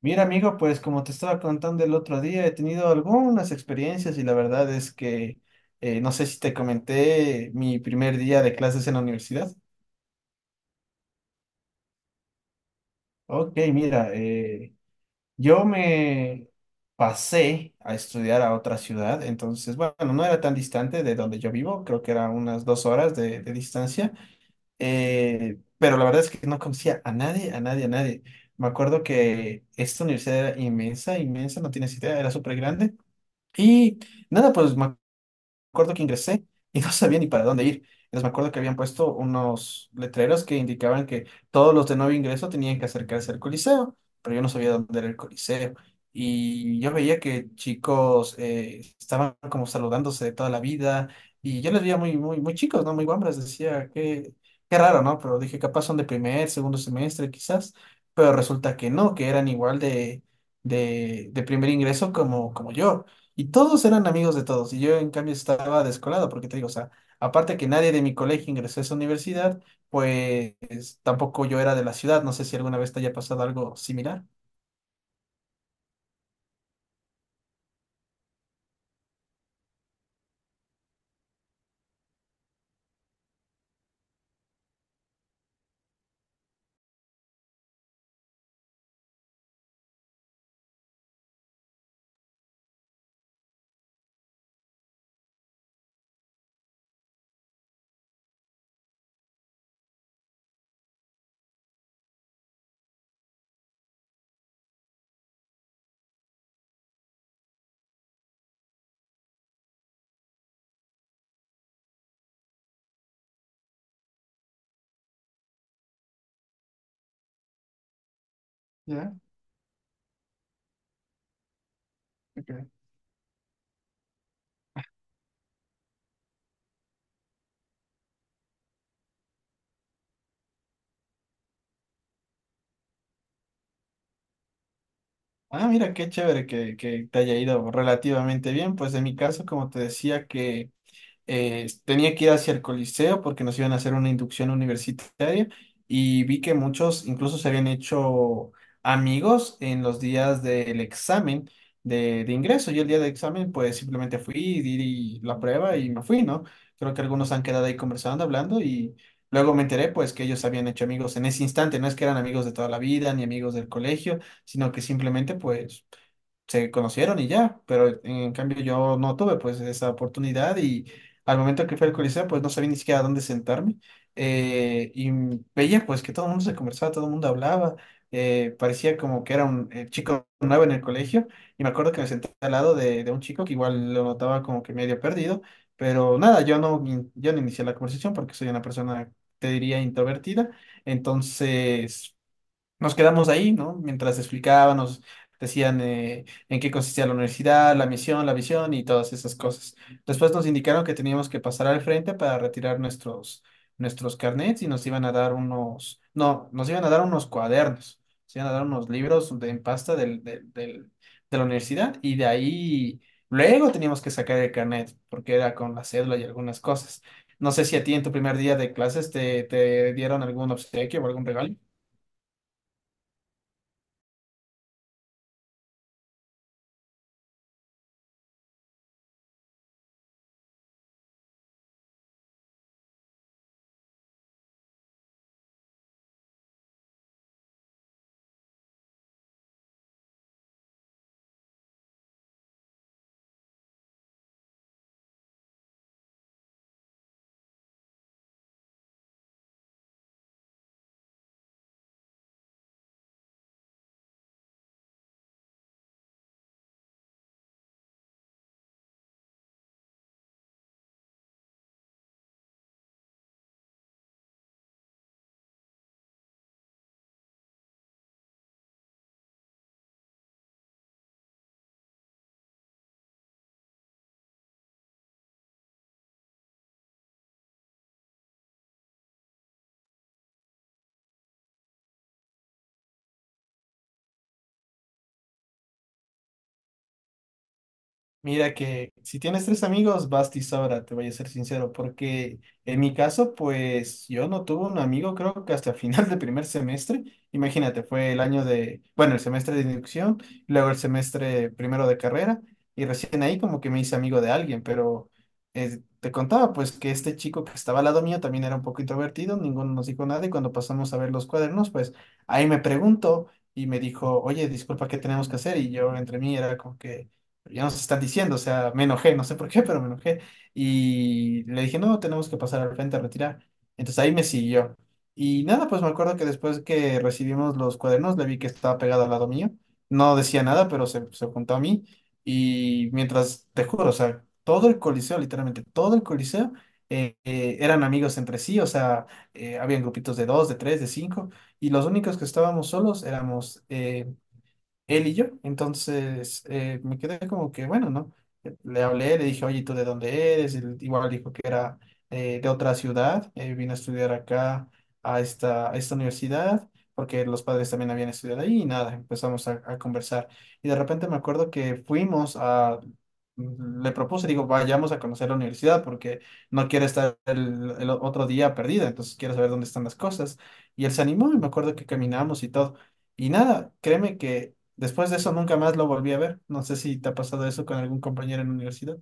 Mira, amigo, pues como te estaba contando el otro día, he tenido algunas experiencias y la verdad es que no sé si te comenté mi primer día de clases en la universidad. Ok, mira, yo me pasé a estudiar a otra ciudad. Entonces, bueno, no era tan distante de donde yo vivo, creo que era unas 2 horas de distancia. Pero la verdad es que no conocía a nadie, a nadie, a nadie. Me acuerdo que esta universidad era inmensa, inmensa, no tienes idea, era súper grande. Y nada, pues me acuerdo que ingresé y no sabía ni para dónde ir. Entonces me acuerdo que habían puesto unos letreros que indicaban que todos los de nuevo ingreso tenían que acercarse al Coliseo, pero yo no sabía dónde era el Coliseo. Y yo veía que chicos estaban como saludándose de toda la vida, y yo les veía muy, muy, muy chicos, ¿no? Muy guambras. Decía, qué raro, ¿no? Pero dije, capaz son de primer, segundo semestre, quizás. Pero resulta que no, que eran igual de primer ingreso como yo. Y todos eran amigos de todos, y yo en cambio estaba descolado, porque te digo, o sea, aparte que nadie de mi colegio ingresó a esa universidad, pues tampoco yo era de la ciudad. No sé si alguna vez te haya pasado algo similar. Ya, ok. Ah, mira, qué chévere que te haya ido relativamente bien. Pues en mi caso, como te decía, que tenía que ir hacia el Coliseo porque nos iban a hacer una inducción universitaria. Y vi que muchos incluso se habían hecho amigos en los días del examen de ingreso. Yo el día del examen pues simplemente fui, di la prueba y me fui, ¿no? Creo que algunos han quedado ahí conversando, hablando, y luego me enteré pues que ellos se habían hecho amigos en ese instante. No es que eran amigos de toda la vida ni amigos del colegio, sino que simplemente pues se conocieron y ya. Pero en cambio yo no tuve pues esa oportunidad, y al momento que fui al Coliseo pues no sabía ni siquiera dónde sentarme. Y veía pues que todo el mundo se conversaba, todo el mundo hablaba. Parecía como que era un chico nuevo en el colegio. Y me acuerdo que me senté al lado de un chico que igual lo notaba como que medio perdido. Pero nada, yo no inicié la conversación porque soy una persona, te diría, introvertida, entonces. Nos quedamos ahí, ¿no? Mientras explicaban, nos decían en qué consistía la universidad, la misión, la visión y todas esas cosas. Después nos indicaron que teníamos que pasar al frente para retirar nuestros carnets, y nos iban a dar unos, no, nos iban a dar unos cuadernos, nos iban a dar unos libros de, en pasta del de la universidad. Y de ahí luego teníamos que sacar el carnet porque era con la cédula y algunas cosas. No sé si a ti en tu primer día de clases te dieron algún obsequio o algún regalo. Mira que si tienes tres amigos, basta y sobra, te voy a ser sincero, porque en mi caso, pues yo no tuve un amigo, creo que hasta final de primer semestre. Imagínate, fue el año de, bueno, el semestre de inducción, luego el semestre primero de carrera, y recién ahí como que me hice amigo de alguien. Pero te contaba pues que este chico que estaba al lado mío también era un poco introvertido. Ninguno nos dijo nada, y cuando pasamos a ver los cuadernos, pues ahí me preguntó y me dijo, oye, disculpa, ¿qué tenemos que hacer? Y yo entre mí era como que ya nos están diciendo, o sea, me enojé, no sé por qué, pero me enojé. Y le dije, no, tenemos que pasar al frente a retirar. Entonces ahí me siguió. Y nada, pues me acuerdo que después que recibimos los cuadernos, le vi que estaba pegado al lado mío. No decía nada, pero se juntó a mí. Y mientras, te juro, o sea, todo el coliseo, literalmente todo el coliseo, eran amigos entre sí. O sea, habían grupitos de dos, de tres, de cinco, y los únicos que estábamos solos éramos él y yo. Entonces me quedé como que, bueno, ¿no? Le hablé, le dije, oye, ¿tú de dónde eres? Él igual dijo que era de otra ciudad. Vino a estudiar acá a esta universidad, porque los padres también habían estudiado ahí. Y nada, empezamos a conversar. Y de repente me acuerdo que fuimos a. Le propuse, digo, vayamos a conocer la universidad porque no quiero estar el otro día perdida, entonces quiero saber dónde están las cosas. Y él se animó, y me acuerdo que caminamos y todo. Y nada, créeme que después de eso nunca más lo volví a ver. No sé si te ha pasado eso con algún compañero en la universidad.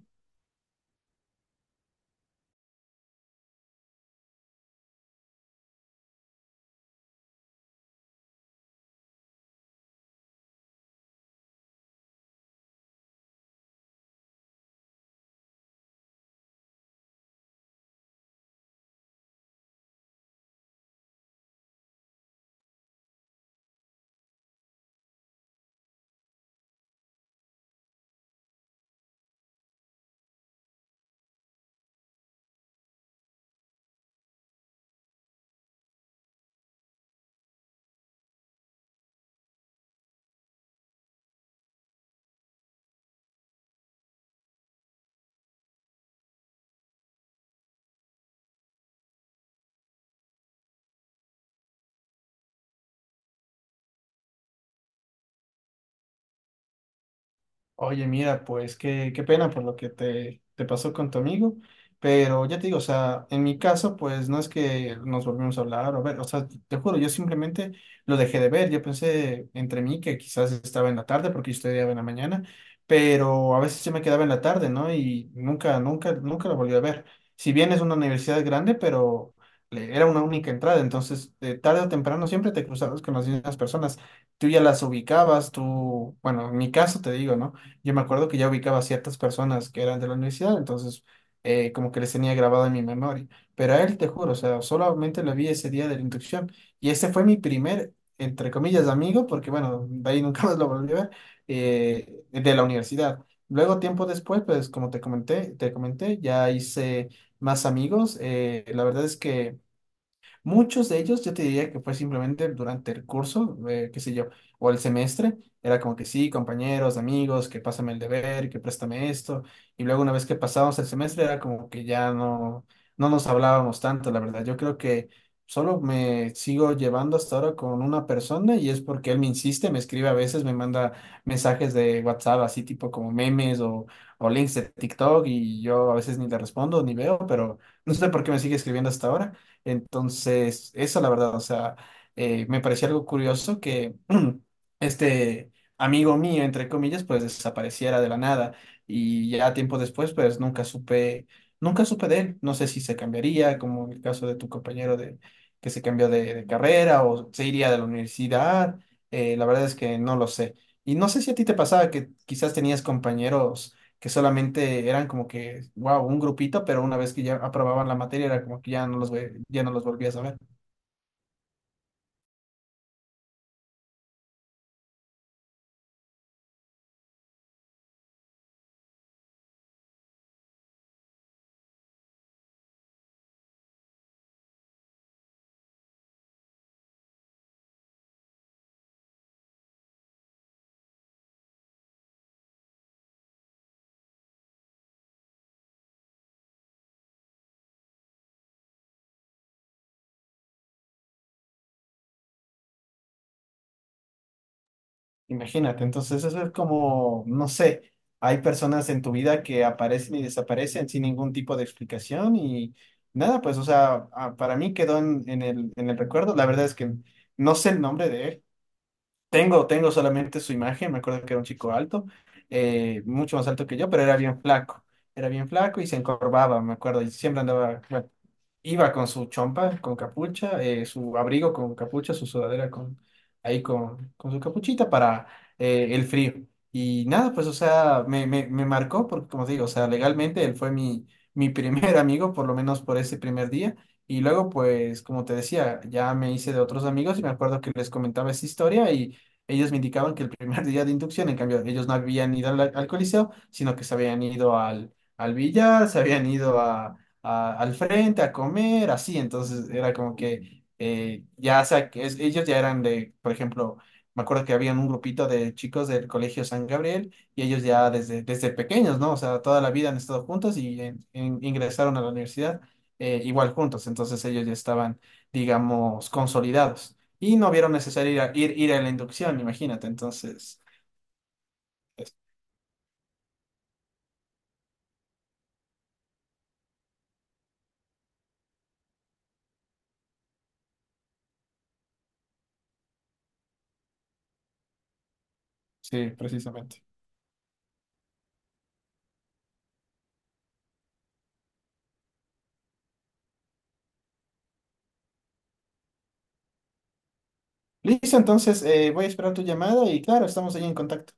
Oye, mira, pues qué pena por lo que te pasó con tu amigo. Pero ya te digo, o sea, en mi caso, pues no es que nos volvimos a hablar o ver, o sea, te juro, yo simplemente lo dejé de ver. Yo pensé entre mí que quizás estaba en la tarde porque yo estudiaba en la mañana, pero a veces yo me quedaba en la tarde, ¿no? Y nunca, nunca, nunca lo volví a ver. Si bien es una universidad grande, pero era una única entrada. Entonces tarde o temprano siempre te cruzabas con las mismas personas, tú ya las ubicabas. Tú, bueno, en mi caso te digo, ¿no? Yo me acuerdo que ya ubicaba a ciertas personas que eran de la universidad, entonces como que les tenía grabado en mi memoria. Pero a él, te juro, o sea, solamente lo vi ese día de la inducción. Y ese fue mi primer, entre comillas, amigo, porque bueno, de ahí nunca más lo volví a ver, de la universidad. Luego, tiempo después, pues como te comenté, ya hice más amigos. La verdad es que muchos de ellos, yo te diría que fue simplemente durante el curso, qué sé yo, o el semestre. Era como que sí, compañeros, amigos, que pásame el deber, que préstame esto. Y luego una vez que pasábamos el semestre era como que ya no, no nos hablábamos tanto, la verdad. Yo creo que solo me sigo llevando hasta ahora con una persona, y es porque él me insiste, me escribe a veces, me manda mensajes de WhatsApp, así tipo como memes, o links de TikTok, y yo a veces ni le respondo ni veo, pero no sé por qué me sigue escribiendo hasta ahora. Entonces, eso la verdad, o sea, me pareció algo curioso que este amigo mío, entre comillas, pues desapareciera de la nada. Y ya tiempo después, pues nunca supe, nunca supe de él. No sé si se cambiaría, como en el caso de tu compañero de, que se cambió de carrera, o se iría de la universidad. La verdad es que no lo sé. Y no sé si a ti te pasaba que quizás tenías compañeros que solamente eran como que, wow, un grupito, pero una vez que ya aprobaban la materia era como que ya no los, ya no los volvías a ver. Imagínate, entonces eso es como, no sé, hay personas en tu vida que aparecen y desaparecen sin ningún tipo de explicación. Y nada, pues, o sea, ah, para mí quedó en el recuerdo. La verdad es que no sé el nombre de él. Tengo solamente su imagen. Me acuerdo que era un chico alto, mucho más alto que yo, pero era bien flaco. Era bien flaco y se encorvaba, me acuerdo, y siempre andaba, bueno, iba con su chompa, con capucha, su abrigo con capucha, su sudadera con, ahí con su capuchita para el frío. Y nada, pues, o sea, me marcó porque, como te digo, o sea, legalmente él fue mi primer amigo, por lo menos por ese primer día. Y luego, pues, como te decía, ya me hice de otros amigos, y me acuerdo que les comentaba esa historia, y ellos me indicaban que el primer día de inducción, en cambio, ellos no habían ido al Coliseo, sino que se habían ido al billar, se habían ido al frente a comer, así. Entonces era como que ya, o sea, que ellos ya eran de, por ejemplo, me acuerdo que habían un grupito de chicos del Colegio San Gabriel, y ellos ya desde pequeños, ¿no? O sea, toda la vida han estado juntos, y ingresaron a la universidad igual juntos. Entonces ellos ya estaban, digamos, consolidados. Y no vieron necesario ir a la inducción, imagínate. Entonces, es- sí, precisamente. Listo, entonces voy a esperar tu llamada, y claro, estamos ahí en contacto.